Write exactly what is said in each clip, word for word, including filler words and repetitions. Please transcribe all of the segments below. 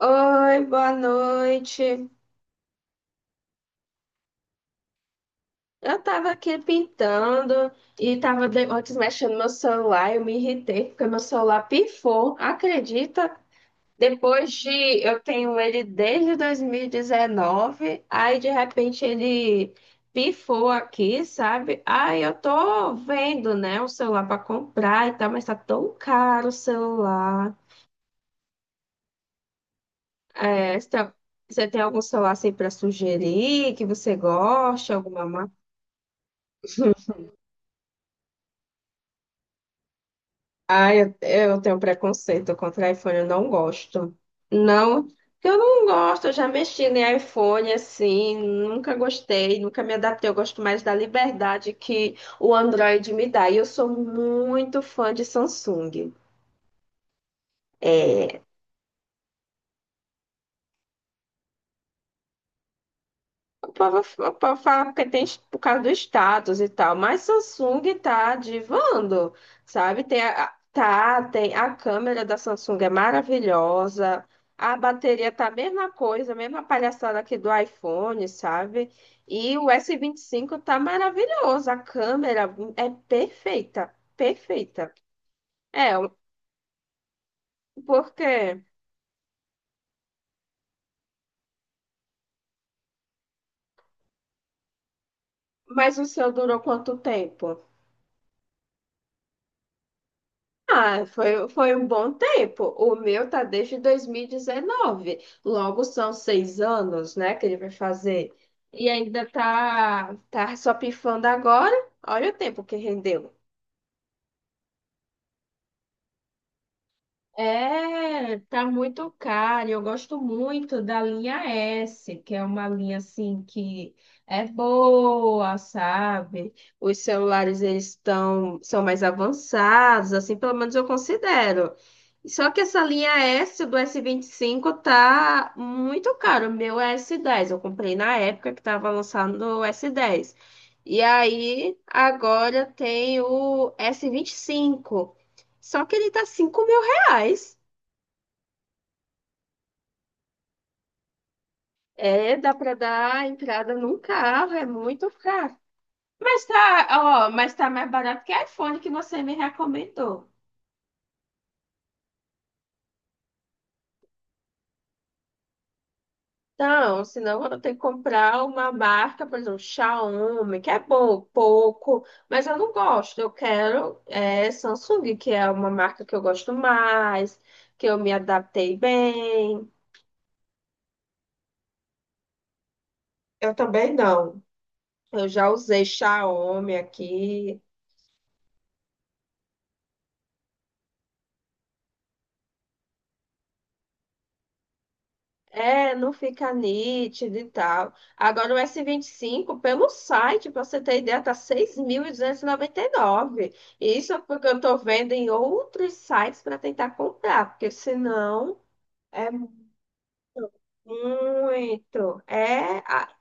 Oi, boa noite. Eu tava aqui pintando e tava de- antes mexendo no meu celular. Eu me irritei porque meu celular pifou. Acredita? Depois de eu tenho ele desde dois mil e dezenove, aí de repente ele pifou aqui, sabe? Aí eu tô vendo, né, um celular para comprar e tal, mas tá tão caro o celular. É, você tem você tem algum celular assim para sugerir que você goste, alguma marca? Ah, eu, eu tenho preconceito contra iPhone, eu não gosto. Não, eu não gosto, eu já mexi em iPhone assim, nunca gostei, nunca me adaptei. Eu gosto mais da liberdade que o Android me dá. E eu sou muito fã de Samsung. O povo, o povo fala que tem es- por causa do status e tal, mas Samsung tá divando, sabe? Tem a, a- tá, tem a câmera da Samsung é maravilhosa, a bateria tá a mesma coisa, a mesma palhaçada aqui do iPhone, sabe? E o S vinte e cinco tá maravilhoso, a câmera é perfeita, perfeita. É, porque, mas o seu durou quanto tempo? Ah, foi, foi um bom tempo. O meu tá desde dois mil e dezenove. Logo são seis anos, né, que ele vai fazer. E ainda tá, tá só pifando agora. Olha o tempo que rendeu. É, tá muito caro. Eu gosto muito da linha S, que é uma linha assim que é boa, sabe? Os celulares eles estão são mais avançados, assim, pelo menos eu considero. Só que essa linha S do S vinte e cinco tá muito caro. O meu é S dez, eu comprei na época que tava lançando o S dez. E aí agora tem o S vinte e cinco. Só que ele tá cinco reais. É, dá para dar entrada num carro, é muito caro. Mas tá, ó, mas tá mais barato que iPhone que você me recomendou. Então, senão eu tenho que comprar uma marca, por exemplo, Xiaomi, que é bom, pouco, mas eu não gosto. Eu quero é, Samsung, que é uma marca que eu gosto mais, que eu me adaptei bem. Eu também não. Eu já usei Xiaomi aqui, é, não fica nítido e tal. Agora o S vinte e cinco, pelo site, para você ter ideia, tá seis mil duzentos e noventa e nove. E noventa e nove. E isso é porque eu estou vendo em outros sites para tentar comprar, porque senão é muito. É, a-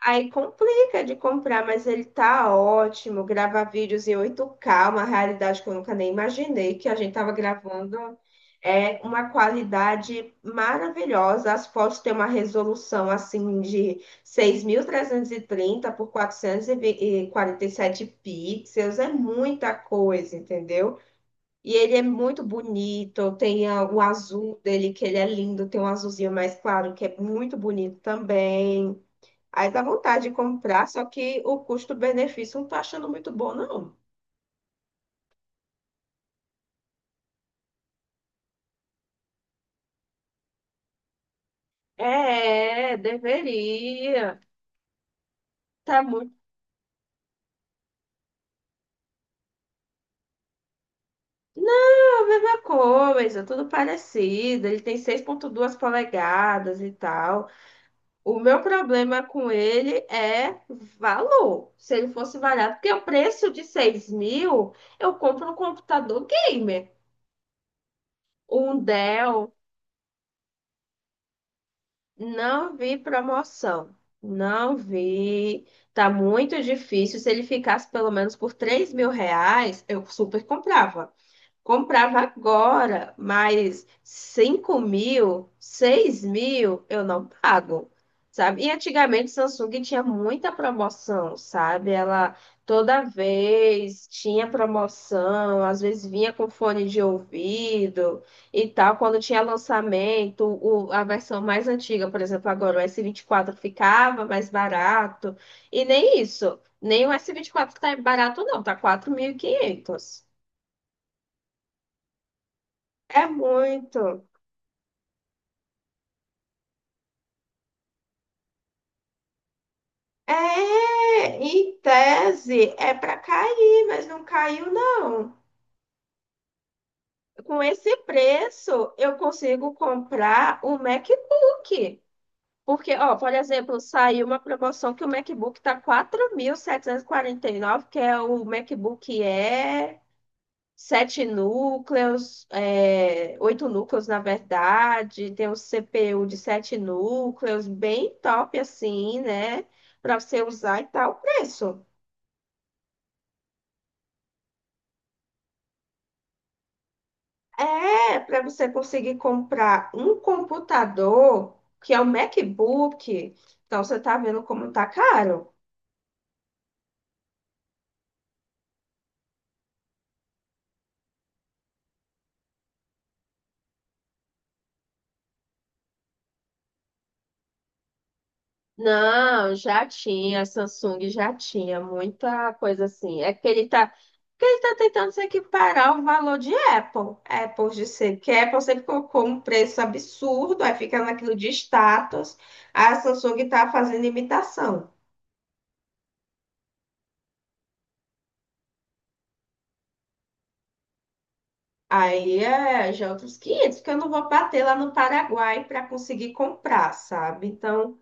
Aí complica de comprar, mas ele tá ótimo. Grava vídeos em oito k, uma realidade que eu nunca nem imaginei que a gente tava gravando. É uma qualidade maravilhosa. As fotos têm uma resolução assim de seis mil trezentos e trinta por quatrocentos e e quarenta e sete pixels. É muita coisa, entendeu? E ele é muito bonito. Tem ah, o azul dele, que ele é lindo. Tem um azulzinho mais claro, que é muito bonito também. Aí dá vontade de comprar, só que o custo-benefício não tá achando muito bom, não. É, deveria. Tá muito. Não, a mesma coisa, tudo parecido. Ele tem seis vírgula dois polegadas e tal. O meu problema com ele é valor. Se ele fosse barato, porque o preço de seis mil, eu compro um computador gamer. Um Dell. Não vi promoção. Não vi. Tá muito difícil. Se ele ficasse pelo menos por três mil reais, eu super comprava. Comprava agora, mas cinco mil, seis mil eu não pago, sabe? E antigamente Samsung tinha muita promoção, sabe? Ela toda vez tinha promoção, às vezes vinha com fone de ouvido e tal. Quando tinha lançamento, o- a versão mais antiga, por exemplo, agora o s vinte e quatro ficava mais barato. E nem isso, nem o s vinte e quatro tá barato, não, tá quatro mil e quinhentos. É muito. É, em tese, é para cair, mas não caiu, não. Com esse preço, eu consigo comprar o MacBook. Porque, ó, por exemplo, saiu uma promoção que o MacBook tá nove, que é o MacBook Air, sete núcleos, é, oito núcleos, na verdade, tem um C P U de sete núcleos, bem top assim, né? Para você usar e tal, o preço. É, para você conseguir comprar um computador, que é o MacBook. Então, você tá vendo como tá caro. Não, já tinha, a Samsung já tinha muita coisa assim. É que ele tá, que ele tá tentando se equiparar ao valor de Apple. Apple, de ser que Apple sempre colocou um preço absurdo, aí fica naquilo de status. A Samsung tá fazendo imitação. Aí é já é outros quinhentos, porque eu não vou bater lá no Paraguai para conseguir comprar, sabe? Então,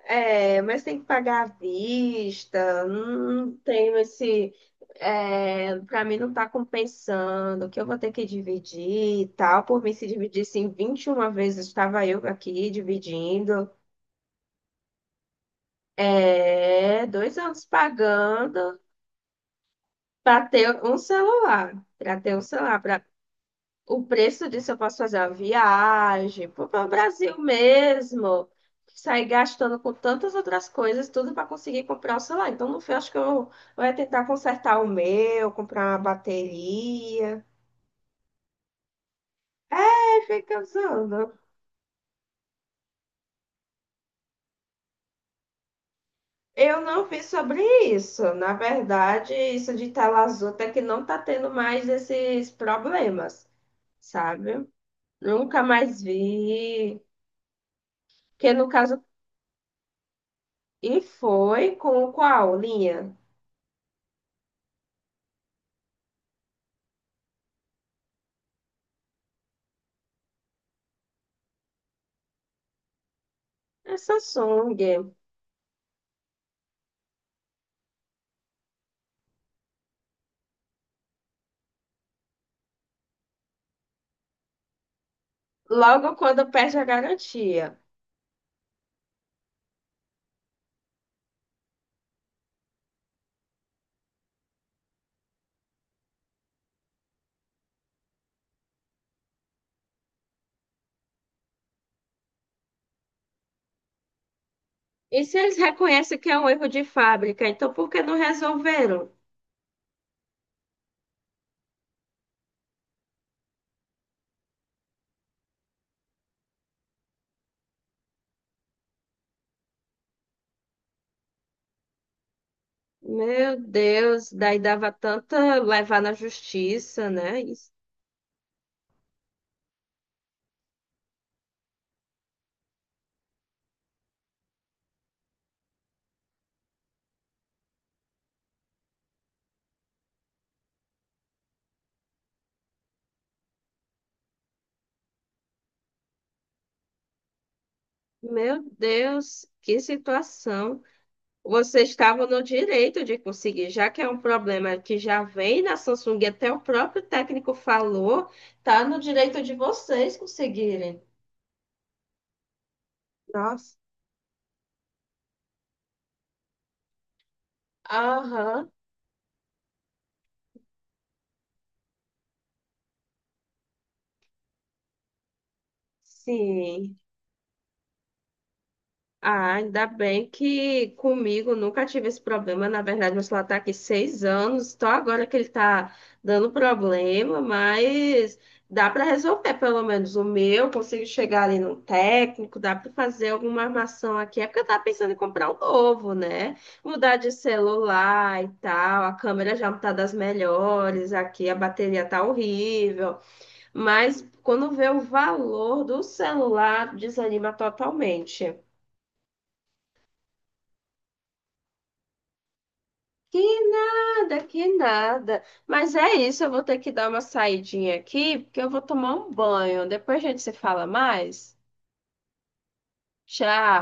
é, mas tem que pagar à vista, não tenho esse. É, para mim não tá compensando, que eu vou ter que dividir e tal. Por mim, se dividisse em vinte e uma vezes, estava eu aqui dividindo. É, dois anos pagando para ter um celular, para ter um celular. O preço disso eu posso fazer uma viagem, pô, para o Brasil mesmo, sair gastando com tantas outras coisas, tudo para conseguir comprar o celular. Então, no fim, eu acho que eu vou é tentar consertar o meu, comprar uma bateria. É, fica usando. Eu não vi sobre isso. Na verdade, isso de tela azul até que não tá tendo mais esses problemas, sabe? Nunca mais vi. Que no caso, e foi com qual linha? É Samsung. Logo quando perde a garantia. E se eles reconhecem que é um erro de fábrica, então por que não resolveram? Meu Deus, daí dava tanta levar na justiça, né? Isso- Meu Deus, que situação. Vocês estavam no direito de conseguir, já que é um problema que já vem na Samsung, e até o próprio técnico falou, tá no direito de vocês conseguirem. Nossa. Aham, sim. Ah, ainda bem que comigo nunca tive esse problema. Na verdade, meu celular está aqui seis anos, só agora que ele está dando problema, mas dá para resolver pelo menos o meu. Consigo chegar ali no técnico, dá para fazer alguma armação aqui. É porque eu estava pensando em comprar um novo, né? Mudar de celular e tal. A câmera já não está das melhores aqui, a bateria tá horrível. Mas quando vê o valor do celular, desanima totalmente. Que nada, que nada. Mas é isso, eu vou ter que dar uma saidinha aqui, porque eu vou tomar um banho. Depois a gente se fala mais. Tchau.